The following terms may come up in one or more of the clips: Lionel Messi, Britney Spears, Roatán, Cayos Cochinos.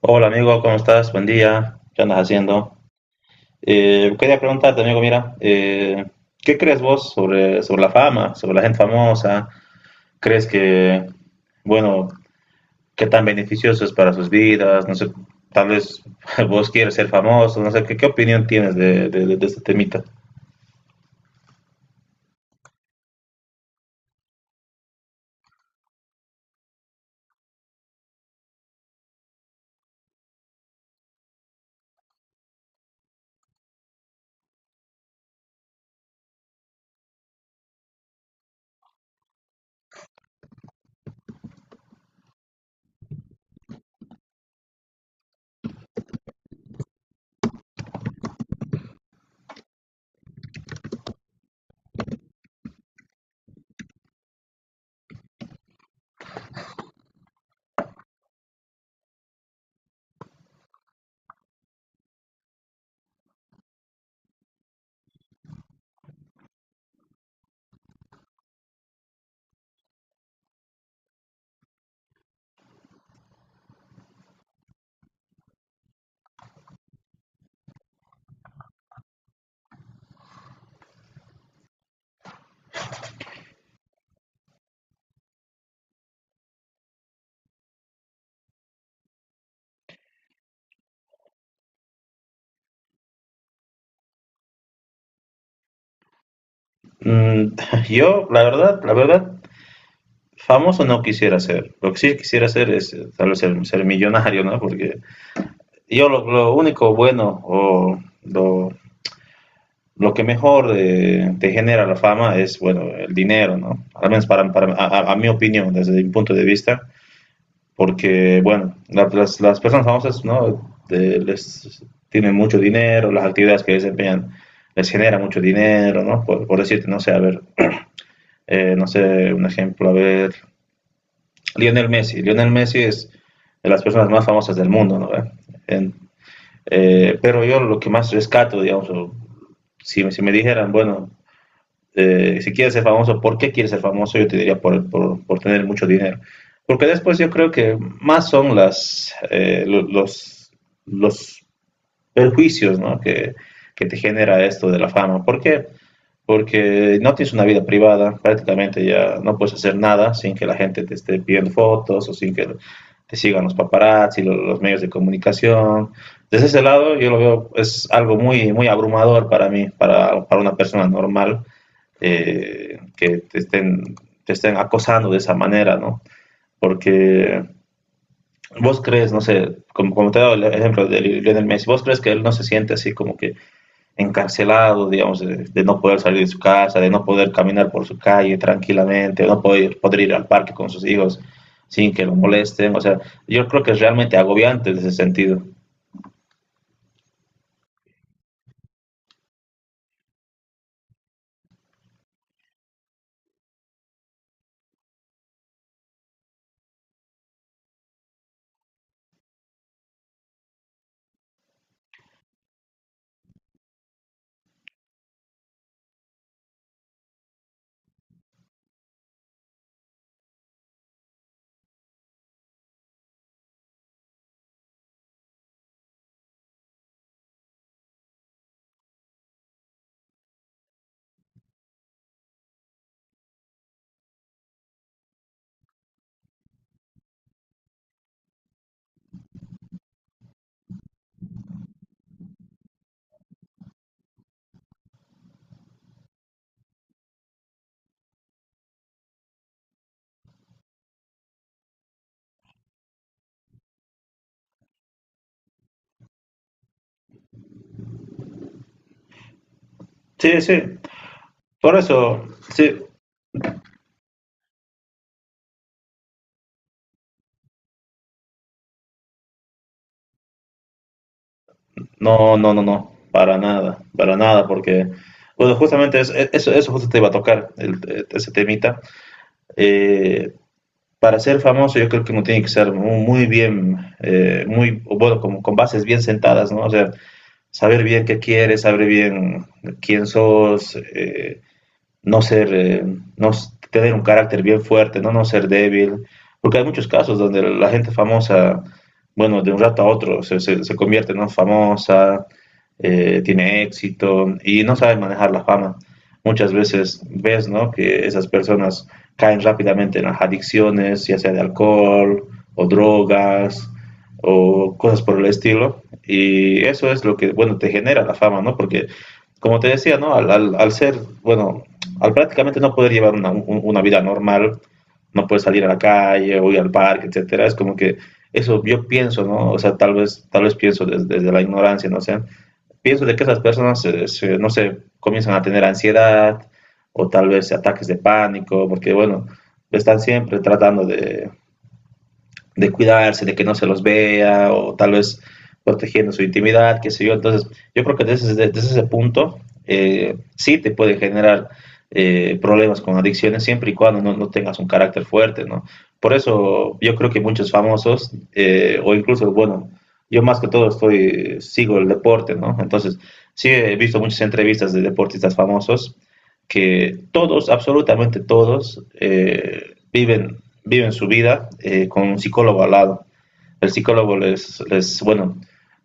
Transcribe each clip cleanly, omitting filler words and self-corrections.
Hola amigo, ¿cómo estás? Buen día, ¿qué andas haciendo? Quería preguntarte, amigo, mira, ¿qué crees vos sobre la fama, sobre la gente famosa? ¿Crees que, bueno, qué tan beneficioso es para sus vidas? No sé, tal vez vos quieres ser famoso, no sé, ¿qué opinión tienes de este temita? Mm, yo, la verdad, famoso no quisiera ser. Lo que sí quisiera ser es tal vez ser millonario, ¿no? Porque yo lo único bueno o lo que mejor te genera la fama es, bueno, el dinero, ¿no? Al menos para mi opinión, desde mi punto de vista, porque, bueno, las personas famosas, ¿no? De, les tienen mucho dinero, las actividades que desempeñan les genera mucho dinero, ¿no? Por decirte, no sé, a ver, no sé, un ejemplo, a ver, Lionel Messi. Lionel Messi es de las personas más famosas del mundo, ¿no? En, pero yo lo que más rescato, digamos, si me dijeran, bueno, si quieres ser famoso, ¿por qué quieres ser famoso? Yo te diría por tener mucho dinero. Porque después yo creo que más son los perjuicios, ¿no? Que te genera esto de la fama. ¿Por qué? Porque no tienes una vida privada, prácticamente ya no puedes hacer nada sin que la gente te esté pidiendo fotos o sin que te sigan los paparazzi, los medios de comunicación. Desde ese lado yo lo veo, es algo muy abrumador para mí, para una persona normal, eh, que te estén, te estén acosando de esa manera, ¿no? Porque vos crees, no sé, como te he dado el ejemplo de Lionel Messi, vos crees que él no se siente así como que encarcelado, digamos, de no poder salir de su casa, de no poder caminar por su calle tranquilamente, de no poder ir al parque con sus hijos sin que lo molesten. O sea, yo creo que es realmente agobiante en ese sentido. Sí, sí, por eso, sí. No, no, no, no, para nada, porque, bueno, justamente eso, eso justo te iba a tocar, ese temita. Eh, para ser famoso yo creo que uno tiene que ser muy bien, o bueno, como con bases bien sentadas, ¿no? O sea, saber bien qué quieres, saber bien quién sos, no ser, no tener un carácter bien fuerte, no, no ser débil, porque hay muchos casos donde la gente famosa, bueno, de un rato a otro se convierte, ¿no? Famosa, tiene éxito y no sabe manejar la fama. Muchas veces ves, ¿no? Que esas personas caen rápidamente en las adicciones, ya sea de alcohol o drogas o cosas por el estilo. Y eso es lo que, bueno, te genera la fama, ¿no? Porque, como te decía, ¿no? Al ser, bueno, al prácticamente no poder llevar una vida normal, no poder salir a la calle o ir al parque, etcétera, es como que eso yo pienso, ¿no? O sea, tal vez pienso desde la ignorancia, no sé. Pienso de que esas personas, no sé, comienzan a tener ansiedad o tal vez ataques de pánico, porque bueno, están siempre tratando de cuidarse, de que no se los vea, o tal vez protegiendo su intimidad, qué sé yo. Entonces, yo creo que desde ese punto sí te puede generar problemas con adicciones siempre y cuando no tengas un carácter fuerte, ¿no? Por eso yo creo que muchos famosos, o incluso, bueno, yo más que todo estoy, sigo el deporte, ¿no? Entonces, sí he visto muchas entrevistas de deportistas famosos que todos, absolutamente todos, viven su vida con un psicólogo al lado. El psicólogo bueno,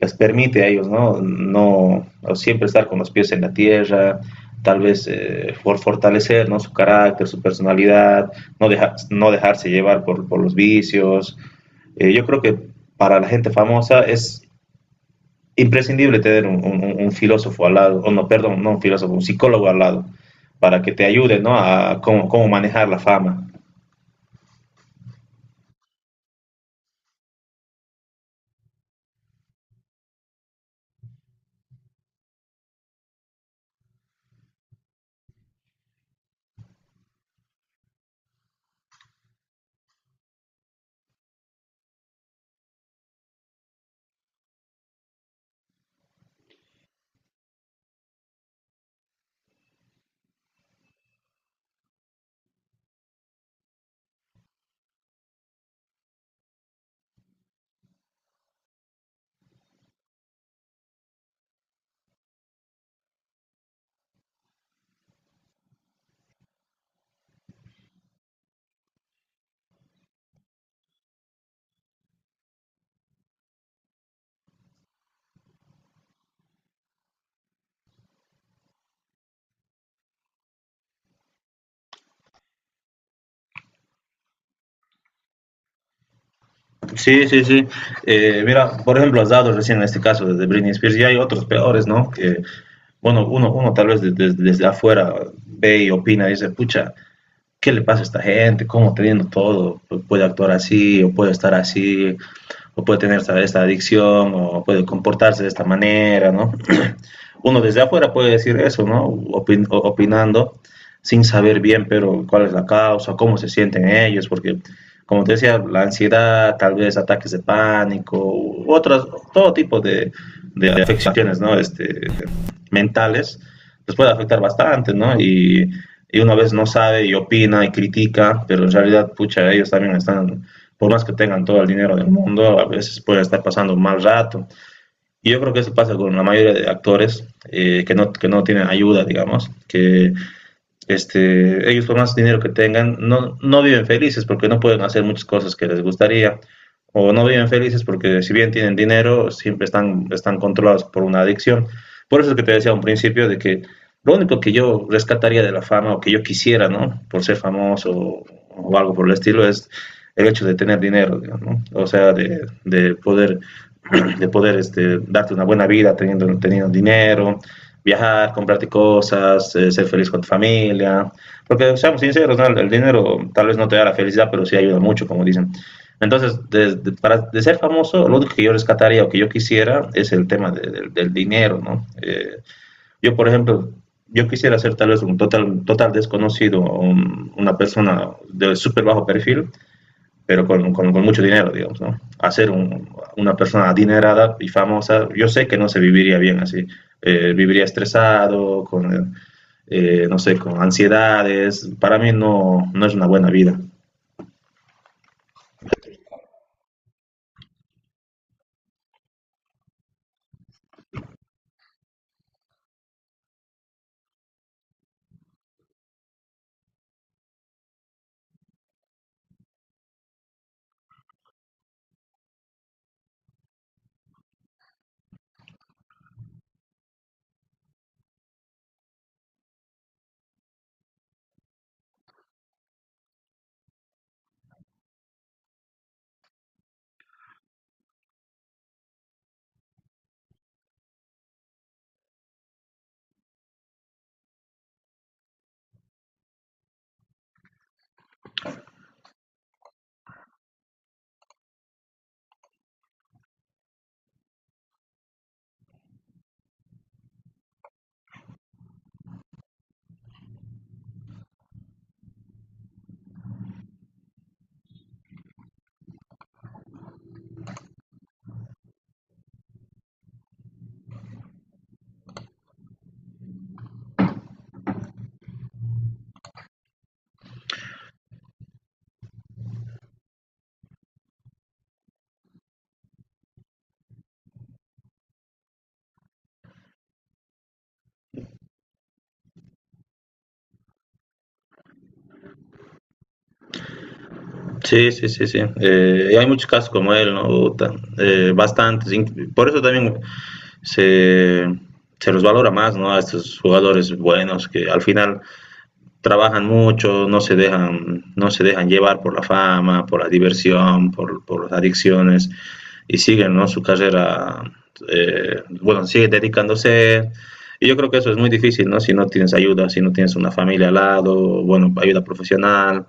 les permite a ellos, ¿no? No siempre estar con los pies en la tierra, tal vez fortalecer, ¿no? Su carácter, su personalidad, no dejarse llevar por los vicios. Yo creo que para la gente famosa es imprescindible tener un filósofo al lado, o no, perdón, no un filósofo, un psicólogo al lado, para que te ayude, ¿no?, a cómo, cómo manejar la fama. Sí, sí, sí. Mira, por ejemplo, has dado recién en este caso de Britney Spears y hay otros peores, ¿no? Que, bueno, uno tal vez desde afuera ve y opina y dice, pucha, ¿qué le pasa a esta gente? ¿Cómo teniendo todo puede actuar así o puede estar así o puede tener esta adicción o puede comportarse de esta manera, ¿no? Uno desde afuera puede decir eso, ¿no? Opinando sin saber bien, pero cuál es la causa, cómo se sienten ellos, porque como te decía, la ansiedad, tal vez ataques de pánico, u otras, todo tipo de afecciones, ¿no? Este, mentales, les puede afectar bastante, ¿no? Y una vez no sabe y opina y critica, pero en realidad, pucha, ellos también están, por más que tengan todo el dinero del mundo, a veces pueden estar pasando un mal rato. Y yo creo que eso pasa con la mayoría de actores, que no tienen ayuda, digamos, que este, ellos por más dinero que tengan, no viven felices porque no pueden hacer muchas cosas que les gustaría, o no viven felices porque si bien tienen dinero, siempre están controlados por una adicción. Por eso es que te decía a un principio de que lo único que yo rescataría de la fama o que yo quisiera, ¿no? Por ser famoso o algo por el estilo, es el hecho de tener dinero, ¿no? O sea, de poder, de poder este, darte una buena vida teniendo dinero, viajar, comprarte cosas, ser feliz con tu familia. Porque, seamos sinceros, ¿no?, el dinero tal vez no te da la felicidad, pero sí ayuda mucho, como dicen. Entonces, de ser famoso, lo único que yo rescataría o que yo quisiera es el tema del dinero, ¿no? Yo, por ejemplo, yo quisiera ser tal vez un total desconocido, una persona de súper bajo perfil, pero con mucho dinero, digamos, ¿no? Hacer una persona adinerada y famosa, yo sé que no se viviría bien así, viviría estresado, con, no sé, con ansiedades. Para mí no, no es una buena vida. Sí, sí, sí, sí. Y hay muchos casos como él, ¿no? Bastantes. Por eso también se, se los valora más, ¿no? A estos jugadores buenos que al final trabajan mucho, no se dejan, no se dejan llevar por la fama, por la diversión, por las adicciones y siguen, ¿no?, su carrera, bueno, siguen dedicándose. Y yo creo que eso es muy difícil, ¿no? Si no tienes ayuda, si no tienes una familia al lado, bueno, ayuda profesional,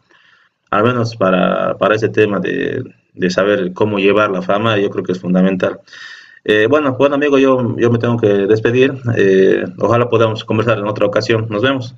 al menos para ese tema de saber cómo llevar la fama, yo creo que es fundamental. Bueno, bueno amigo, yo me tengo que despedir. Ojalá podamos conversar en otra ocasión. Nos vemos.